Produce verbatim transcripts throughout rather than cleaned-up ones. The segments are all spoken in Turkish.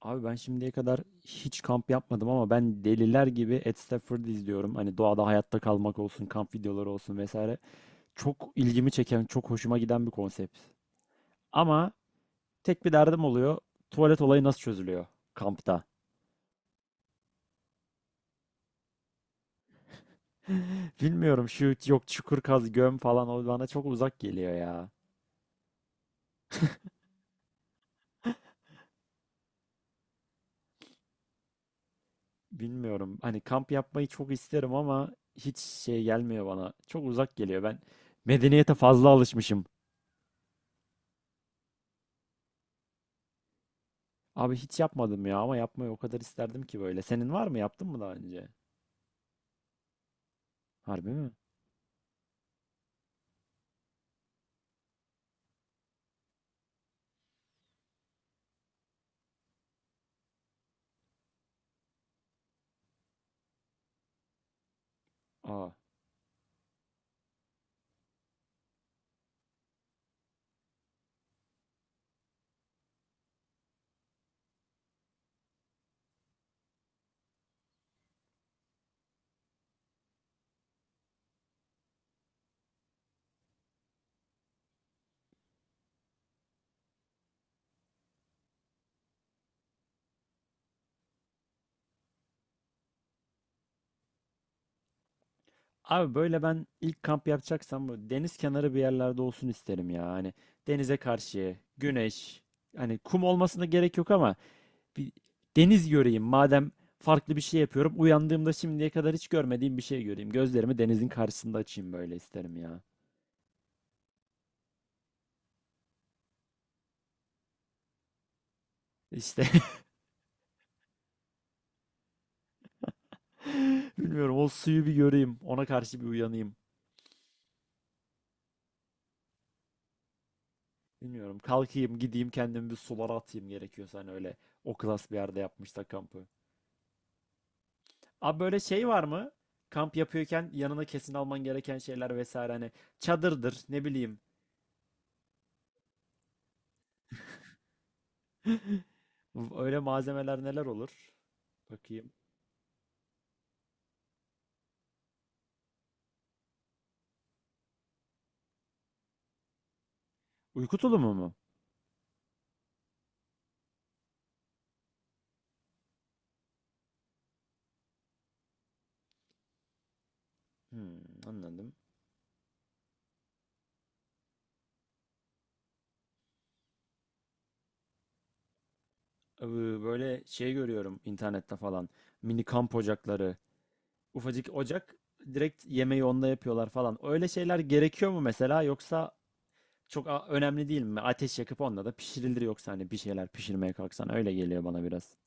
Abi ben şimdiye kadar hiç kamp yapmadım ama ben deliler gibi Ed Stafford'ı izliyorum. Hani doğada hayatta kalmak olsun, kamp videoları olsun vesaire. Çok ilgimi çeken, çok hoşuma giden bir konsept. Ama tek bir derdim oluyor. Tuvalet olayı nasıl çözülüyor kampta? Bilmiyorum şu yok çukur kaz göm falan o bana çok uzak geliyor ya. Bilmiyorum. Hani kamp yapmayı çok isterim ama hiç şey gelmiyor bana. Çok uzak geliyor. Ben medeniyete fazla alışmışım. Abi hiç yapmadım ya ama yapmayı o kadar isterdim ki böyle. Senin var mı? Yaptın mı daha önce? Harbi mi? Aa. Abi böyle ben ilk kamp yapacaksam böyle deniz kenarı bir yerlerde olsun isterim ya. Hani denize karşı, güneş, hani kum olmasına gerek yok ama bir deniz göreyim. Madem farklı bir şey yapıyorum, uyandığımda şimdiye kadar hiç görmediğim bir şey göreyim. Gözlerimi denizin karşısında açayım böyle isterim ya. İşte bilmiyorum o suyu bir göreyim, ona karşı bir uyanayım. Bilmiyorum. Kalkayım, gideyim kendimi bir sulara atayım gerekiyorsa hani öyle o klas bir yerde yapmışsa kampı. Abi böyle şey var mı? Kamp yapıyorken yanına kesin alman gereken şeyler vesaire hani çadırdır, ne bileyim. Öyle malzemeler neler olur? Bakayım. Uyku tulumu mu? Hmm, anladım. Ee, Böyle şey görüyorum internette falan. Mini kamp ocakları. Ufacık ocak. Direkt yemeği onunla yapıyorlar falan. Öyle şeyler gerekiyor mu mesela yoksa çok a- önemli değil mi? Ateş yakıp onda da pişirilir yoksa hani bir şeyler pişirmeye kalksan öyle geliyor bana biraz.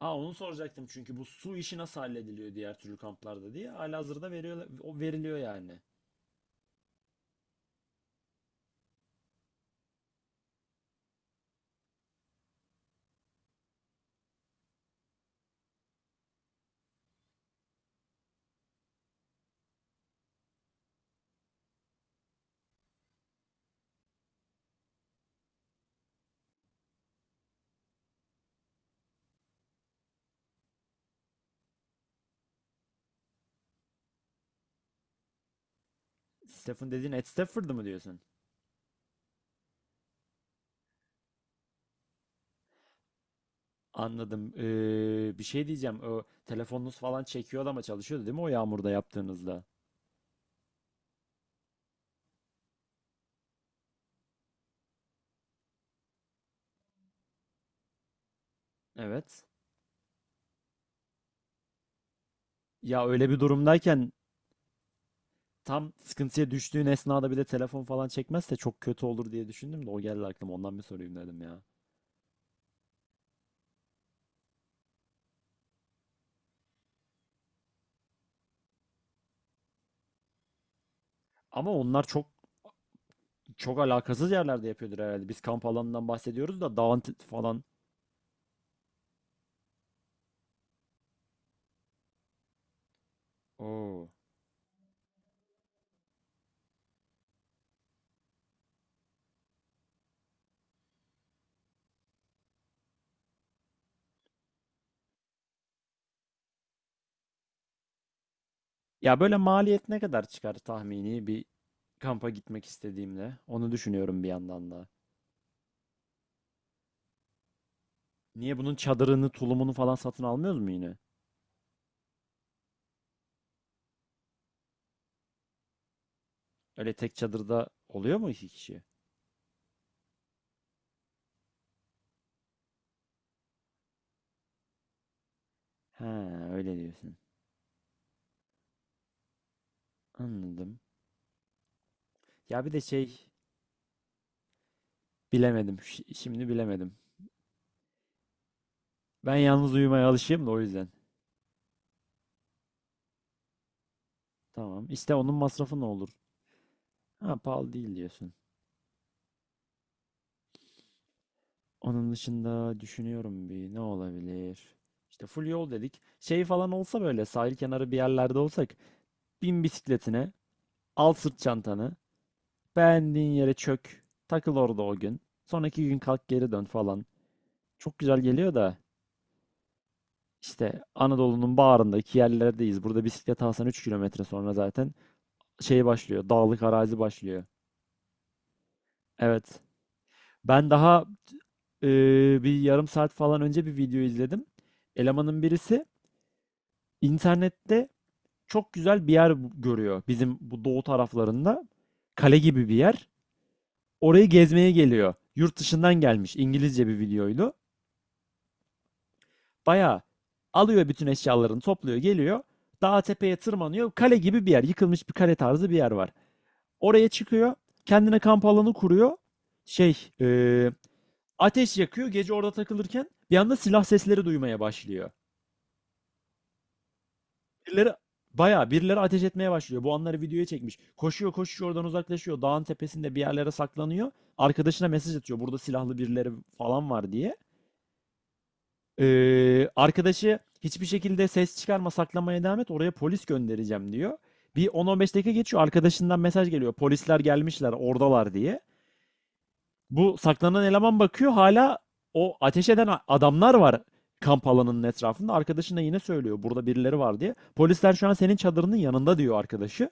Aa onu soracaktım çünkü bu su işi nasıl hallediliyor diğer türlü kamplarda diye. Halihazırda veriyor, o veriliyor yani. Stephen dediğin Ed Stafford'ı mı diyorsun? Anladım. Ee, bir şey diyeceğim. O telefonunuz falan çekiyordu ama çalışıyordu değil mi o yağmurda yaptığınızda? Evet. Ya öyle bir durumdayken tam sıkıntıya düştüğün esnada bir de telefon falan çekmezse çok kötü olur diye düşündüm de o geldi aklıma ondan bir sorayım dedim ya. Ama onlar çok çok alakasız yerlerde yapıyordur herhalde. Biz kamp alanından bahsediyoruz da dağın t- falan. Oo. Ya böyle maliyet ne kadar çıkar tahmini bir kampa gitmek istediğimde? Onu düşünüyorum bir yandan da. Niye bunun çadırını, tulumunu falan satın almıyoruz mu yine? Öyle tek çadırda oluyor mu iki kişi? He, öyle diyorsun. Anladım. Ya bir de şey bilemedim. Şi- Şimdi bilemedim. Ben yalnız uyumaya alışığım da o yüzden. Tamam. İşte onun masrafı ne olur? Ha, pahalı değil diyorsun. Onun dışında düşünüyorum bir ne olabilir? İşte full yol dedik. Şey falan olsa böyle sahil kenarı bir yerlerde olsak bin bisikletine, al sırt çantanı, beğendiğin yere çök, takıl orada o gün. Sonraki gün kalk geri dön falan. Çok güzel geliyor da işte Anadolu'nun bağrındaki yerlerdeyiz. Burada bisiklet alsan üç kilometre sonra zaten şey başlıyor, dağlık arazi başlıyor. Evet. Ben daha e, bir yarım saat falan önce bir video izledim. Elemanın birisi internette çok güzel bir yer görüyor bizim bu doğu taraflarında. Kale gibi bir yer. Orayı gezmeye geliyor. Yurt dışından gelmiş İngilizce bir videoydu. Bayağı alıyor bütün eşyalarını topluyor geliyor. Dağa tepeye tırmanıyor. Kale gibi bir yer. Yıkılmış bir kale tarzı bir yer var. Oraya çıkıyor. Kendine kamp alanı kuruyor. Şey, eee, ateş yakıyor. Gece orada takılırken bir anda silah sesleri duymaya başlıyor. Birileri bayağı birileri ateş etmeye başlıyor. Bu anları videoya çekmiş. Koşuyor koşuyor oradan uzaklaşıyor. Dağın tepesinde bir yerlere saklanıyor. Arkadaşına mesaj atıyor. Burada silahlı birileri falan var diye. Ee, arkadaşı hiçbir şekilde ses çıkarma saklamaya devam et. Oraya polis göndereceğim diyor. Bir on on beş dakika geçiyor. Arkadaşından mesaj geliyor. Polisler gelmişler oradalar diye. Bu saklanan eleman bakıyor. Hala o ateş eden adamlar var kamp alanının etrafında. Arkadaşına yine söylüyor burada birileri var diye. Polisler şu an senin çadırının yanında diyor arkadaşı.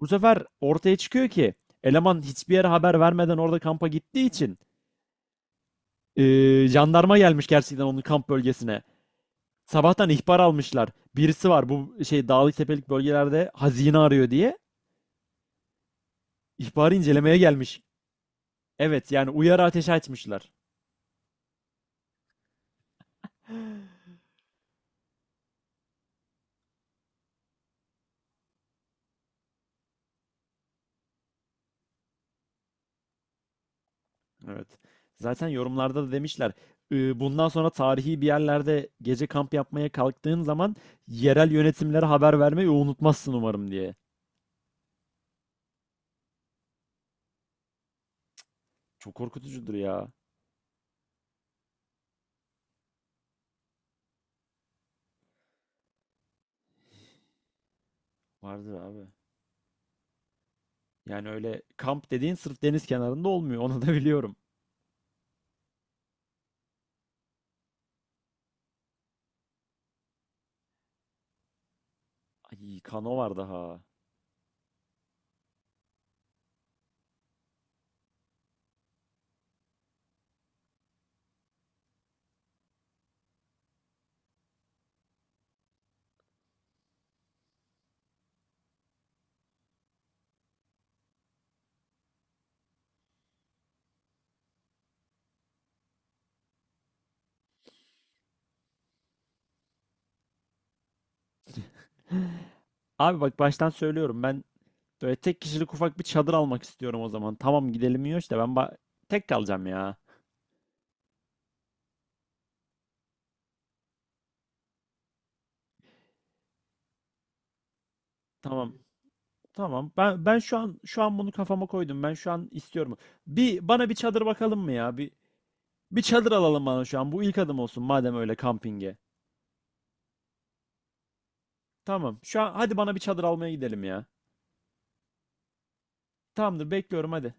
Bu sefer ortaya çıkıyor ki eleman hiçbir yere haber vermeden orada kampa gittiği için eee, jandarma gelmiş gerçekten onun kamp bölgesine. Sabahtan ihbar almışlar. Birisi var bu şey dağlık tepelik bölgelerde hazine arıyor diye. İhbarı incelemeye gelmiş. Evet yani uyarı ateşi açmışlar. Evet. Zaten yorumlarda da demişler. "Ee, Bundan sonra tarihi bir yerlerde gece kamp yapmaya kalktığın zaman yerel yönetimlere haber vermeyi unutmazsın umarım diye." Çok korkutucudur ya. Vardır abi. Yani öyle kamp dediğin sırf deniz kenarında olmuyor. Onu da biliyorum. Ay kano var daha. Abi bak baştan söylüyorum ben böyle tek kişilik ufak bir çadır almak istiyorum o zaman. Tamam gidelim iyi işte ben ba- tek kalacağım ya. Tamam. Tamam. Ben ben şu an şu an bunu kafama koydum. Ben şu an istiyorum. Bir bana bir çadır bakalım mı ya? Bir bir çadır alalım bana şu an. Bu ilk adım olsun madem öyle kampinge. Tamam. Şu an hadi bana bir çadır almaya gidelim ya. Tamamdır bekliyorum hadi.